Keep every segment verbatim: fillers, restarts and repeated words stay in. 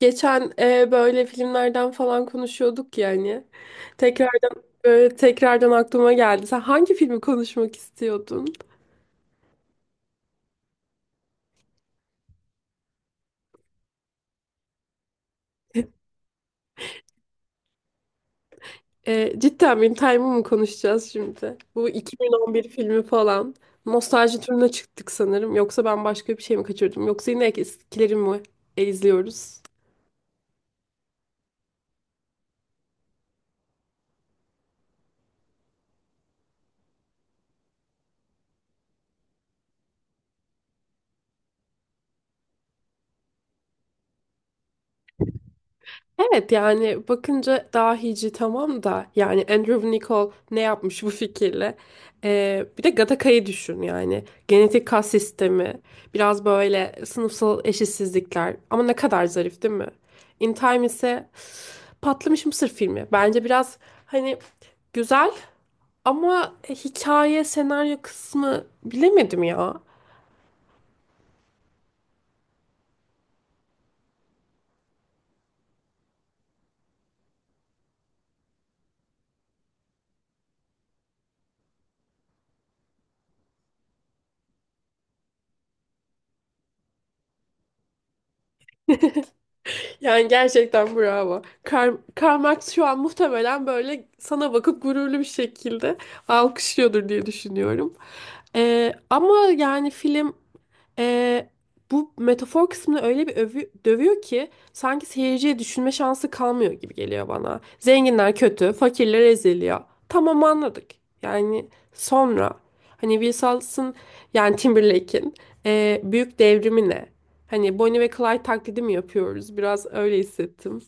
Geçen e, böyle filmlerden falan konuşuyorduk yani. Tekrardan e, tekrardan aklıma geldi. Sen hangi filmi konuşmak istiyordun? E, cidden benim Time'ı mı konuşacağız şimdi? Bu iki bin on bir filmi falan. Nostalji turuna çıktık sanırım. Yoksa ben başka bir şey mi kaçırdım? Yoksa yine eskileri mi e, izliyoruz? Evet yani bakınca dahici tamam da yani Andrew Nicol ne yapmış bu fikirle? Ee, bir de Gattaca'yı düşün yani. Genetik kas sistemi, biraz böyle sınıfsal eşitsizlikler ama ne kadar zarif değil mi? In Time ise patlamış mısır filmi. Bence biraz hani güzel ama hikaye, senaryo kısmı bilemedim ya. Yani gerçekten bravo. Kar Karl Marx şu an muhtemelen böyle sana bakıp gururlu bir şekilde alkışlıyordur diye düşünüyorum. Ee, ama yani film ee, bu metafor kısmını öyle bir övü- dövüyor ki sanki seyirciye düşünme şansı kalmıyor gibi geliyor bana. Zenginler kötü, fakirler eziliyor. Tamam anladık. Yani sonra hani Wilson yani Timberlake'in ee, büyük devrimi ne? Hani Bonnie ve Clyde taklidi mi yapıyoruz? Biraz öyle hissettim.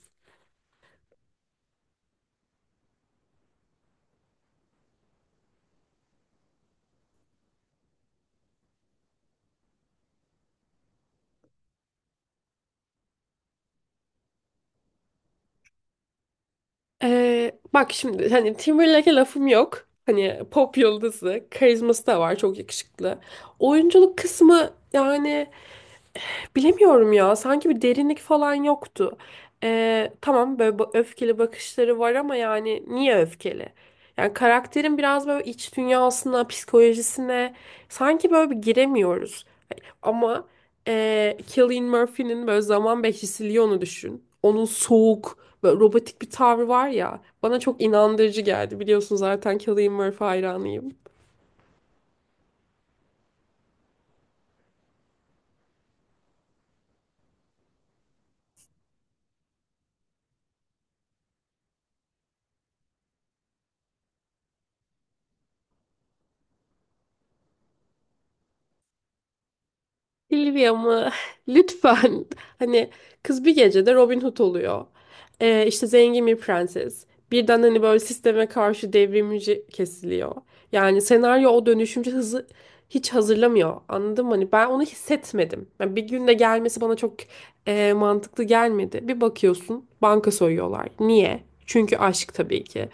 Ee, bak şimdi hani Timberlake'e lafım yok. Hani pop yıldızı, karizması da var, çok yakışıklı. Oyunculuk kısmı yani Bilemiyorum ya. Sanki bir derinlik falan yoktu. Ee, tamam böyle ba- öfkeli bakışları var ama yani niye öfkeli? Yani karakterin biraz böyle iç dünyasına, psikolojisine sanki böyle bir giremiyoruz. Ama e, Cillian Murphy'nin böyle zaman Bechdelia'nı düşün. Onun soğuk, böyle robotik bir tavrı var ya. Bana çok inandırıcı geldi. Biliyorsun zaten Cillian Murphy hayranıyım. Silvia mı? Lütfen. Hani kız bir gecede Robin Hood oluyor. Ee, işte zengin bir prenses. Birden hani böyle sisteme karşı devrimci kesiliyor. Yani senaryo o dönüşümce hızı hiç hazırlamıyor. Anladın mı? Hani ben onu hissetmedim. Yani bir günde gelmesi bana çok e, mantıklı gelmedi. Bir bakıyorsun banka soyuyorlar. Niye? Çünkü aşk tabii ki.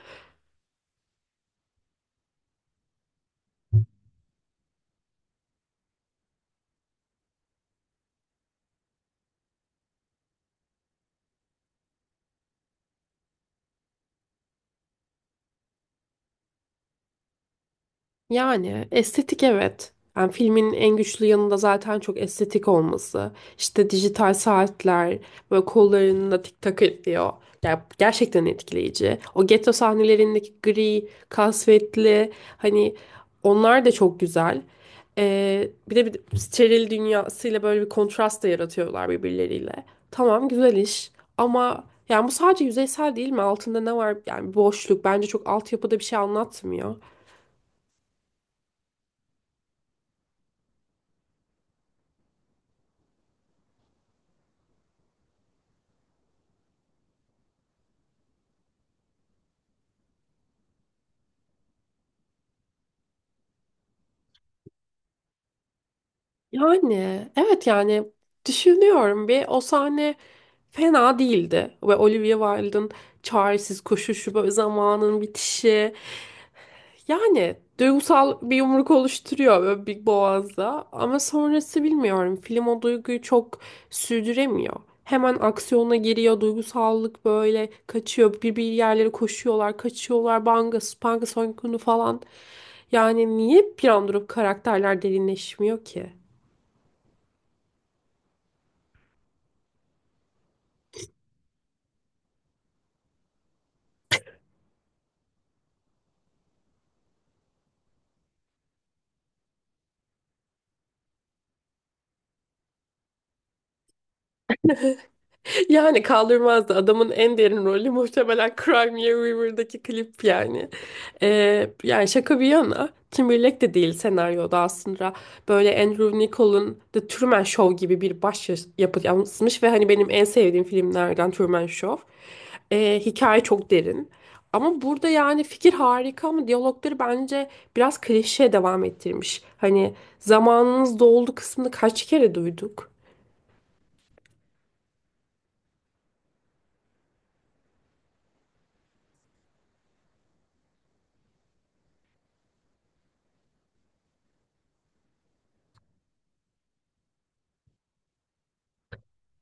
Yani estetik evet. Yani filmin en güçlü yanı da zaten çok estetik olması. İşte dijital saatler, böyle kollarında tik tak ediyor. Ya, gerçekten etkileyici. O getto sahnelerindeki gri, kasvetli hani onlar da çok güzel. Ee, bir de bir steril dünyasıyla böyle bir kontrast da yaratıyorlar birbirleriyle. Tamam güzel iş ama yani bu sadece yüzeysel değil mi? Altında ne var? Yani boşluk bence çok altyapıda bir şey anlatmıyor. Yani evet yani düşünüyorum bir o sahne fena değildi ve Olivia Wilde'ın çaresiz koşuşu böyle zamanın bitişi yani duygusal bir yumruk oluşturuyor böyle bir boğazda ama sonrası bilmiyorum film o duyguyu çok sürdüremiyor. Hemen aksiyona giriyor duygusallık böyle kaçıyor bir bir yerlere koşuyorlar kaçıyorlar banga spanga soykunu falan yani niye bir an durup karakterler derinleşmiyor ki? Yani kaldırmazdı. Adamın en derin rolü muhtemelen Crimea River'daki klip yani. Ee, yani şaka bir yana Timberlake de değil senaryoda aslında. Böyle Andrew Nicol'un The Truman Show gibi bir baş yapıt yansımış ve hani benim en sevdiğim filmlerden Truman Show. Ee, hikaye çok derin. Ama burada yani fikir harika ama diyalogları bence biraz klişeye devam ettirmiş. Hani zamanınız doldu kısmını kaç kere duyduk?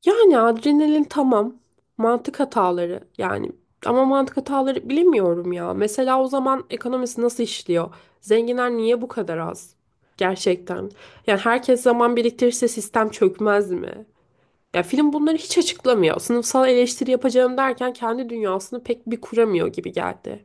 Yani adrenalin tamam. Mantık hataları yani. Ama mantık hataları bilemiyorum ya. Mesela o zaman ekonomisi nasıl işliyor? Zenginler niye bu kadar az? Gerçekten. Yani herkes zaman biriktirirse sistem çökmez mi? Ya film bunları hiç açıklamıyor. Sınıfsal eleştiri yapacağım derken kendi dünyasını pek bir kuramıyor gibi geldi.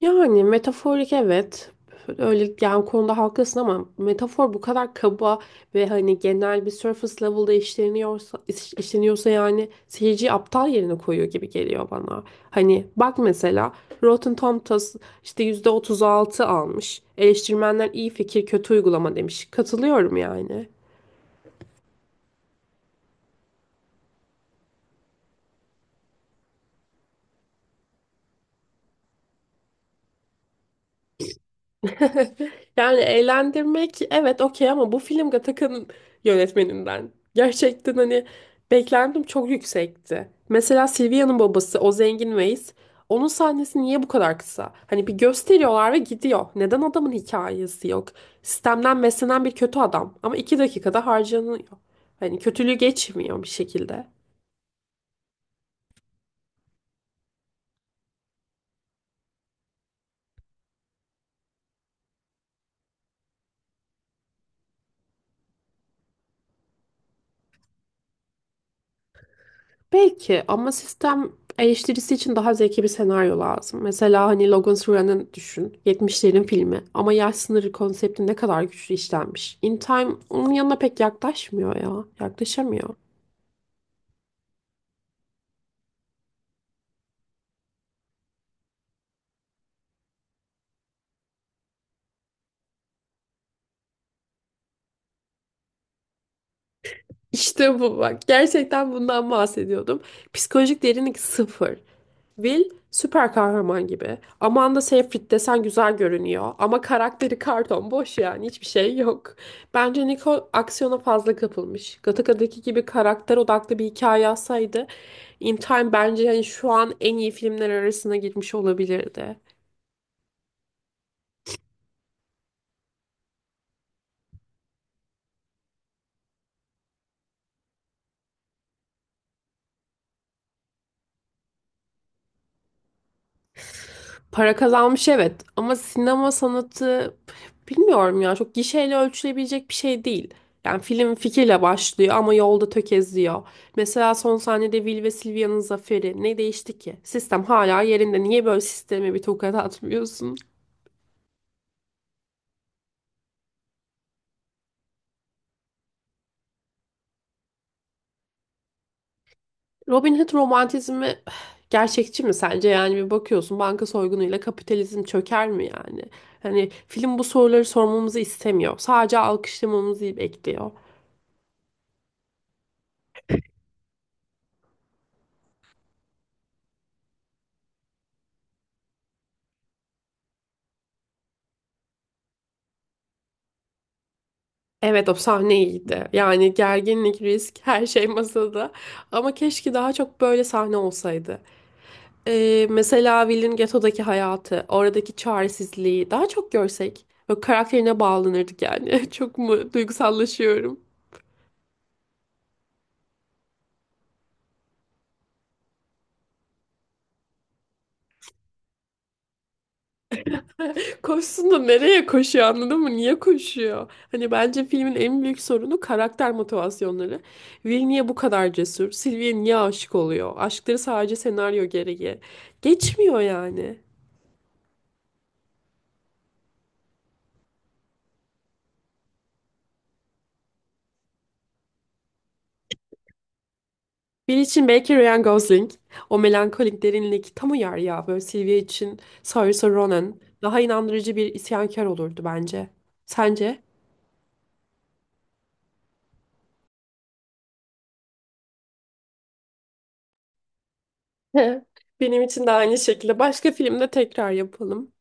Yani metaforik evet. Öyle yani konuda haklısın ama metafor bu kadar kaba ve hani genel bir surface level'da işleniyorsa iş- işleniyorsa yani seyirciyi aptal yerine koyuyor gibi geliyor bana. Hani bak mesela Rotten Tomatoes işte yüzde otuz altı almış. Eleştirmenler iyi fikir kötü uygulama demiş. Katılıyorum yani. Yani eğlendirmek evet okey ama bu film Gattaca'nın yönetmeninden. Gerçekten hani beklentim çok yüksekti. Mesela Silvia'nın babası o zengin Weiss onun sahnesi niye bu kadar kısa? Hani bir gösteriyorlar ve gidiyor. Neden adamın hikayesi yok? Sistemden beslenen bir kötü adam ama iki dakikada harcanıyor. Hani kötülüğü geçmiyor bir şekilde. Belki ama sistem eleştirisi için daha zeki bir senaryo lazım. Mesela hani Logan Run'ı düşün. yetmişlerin filmi ama yaş sınırı konsepti ne kadar güçlü işlenmiş. In Time onun yanına pek yaklaşmıyor ya. Yaklaşamıyor. İşte bu bak. Gerçekten bundan bahsediyordum. Psikolojik derinlik sıfır. Will süper kahraman gibi. Amanda Seyfried desen güzel görünüyor. Ama karakteri karton boş yani hiçbir şey yok. Bence Nicole aksiyona fazla kapılmış. Gataca'daki gibi karakter odaklı bir hikaye yazsaydı In Time bence yani şu an en iyi filmler arasına girmiş olabilirdi. Para kazanmış evet ama sinema sanatı bilmiyorum ya çok gişeyle ölçülebilecek bir şey değil. Yani film fikirle başlıyor ama yolda tökezliyor. Mesela son sahnede Will ve Sylvia'nın zaferi ne değişti ki? Sistem hala yerinde. Niye böyle sisteme bir tokat atmıyorsun? Robin Hood romantizmi gerçekçi mi sence? Yani bir bakıyorsun banka soygunuyla kapitalizm çöker mi yani? Hani film bu soruları sormamızı istemiyor. Sadece alkışlamamızı bekliyor. Evet o sahne iyiydi. Yani gerginlik, risk, her şey masada. Ama keşke daha çok böyle sahne olsaydı. Ee, mesela Will'in getodaki hayatı, oradaki çaresizliği daha çok görsek. Böyle karakterine bağlanırdık yani. Çok mu duygusallaşıyorum? Koşsun da nereye koşuyor anladın mı? Niye koşuyor? Hani bence filmin en büyük sorunu karakter motivasyonları. Will niye bu kadar cesur? Sylvie niye aşık oluyor? Aşkları sadece senaryo gereği. Geçmiyor yani. Bir için belki Ryan Gosling. O melankolik derinlik tam uyar ya. Böyle Sylvia için Saoirse Ronan. Daha inandırıcı bir isyankar olurdu bence. Sence? Benim için de aynı şekilde. Başka filmde tekrar yapalım.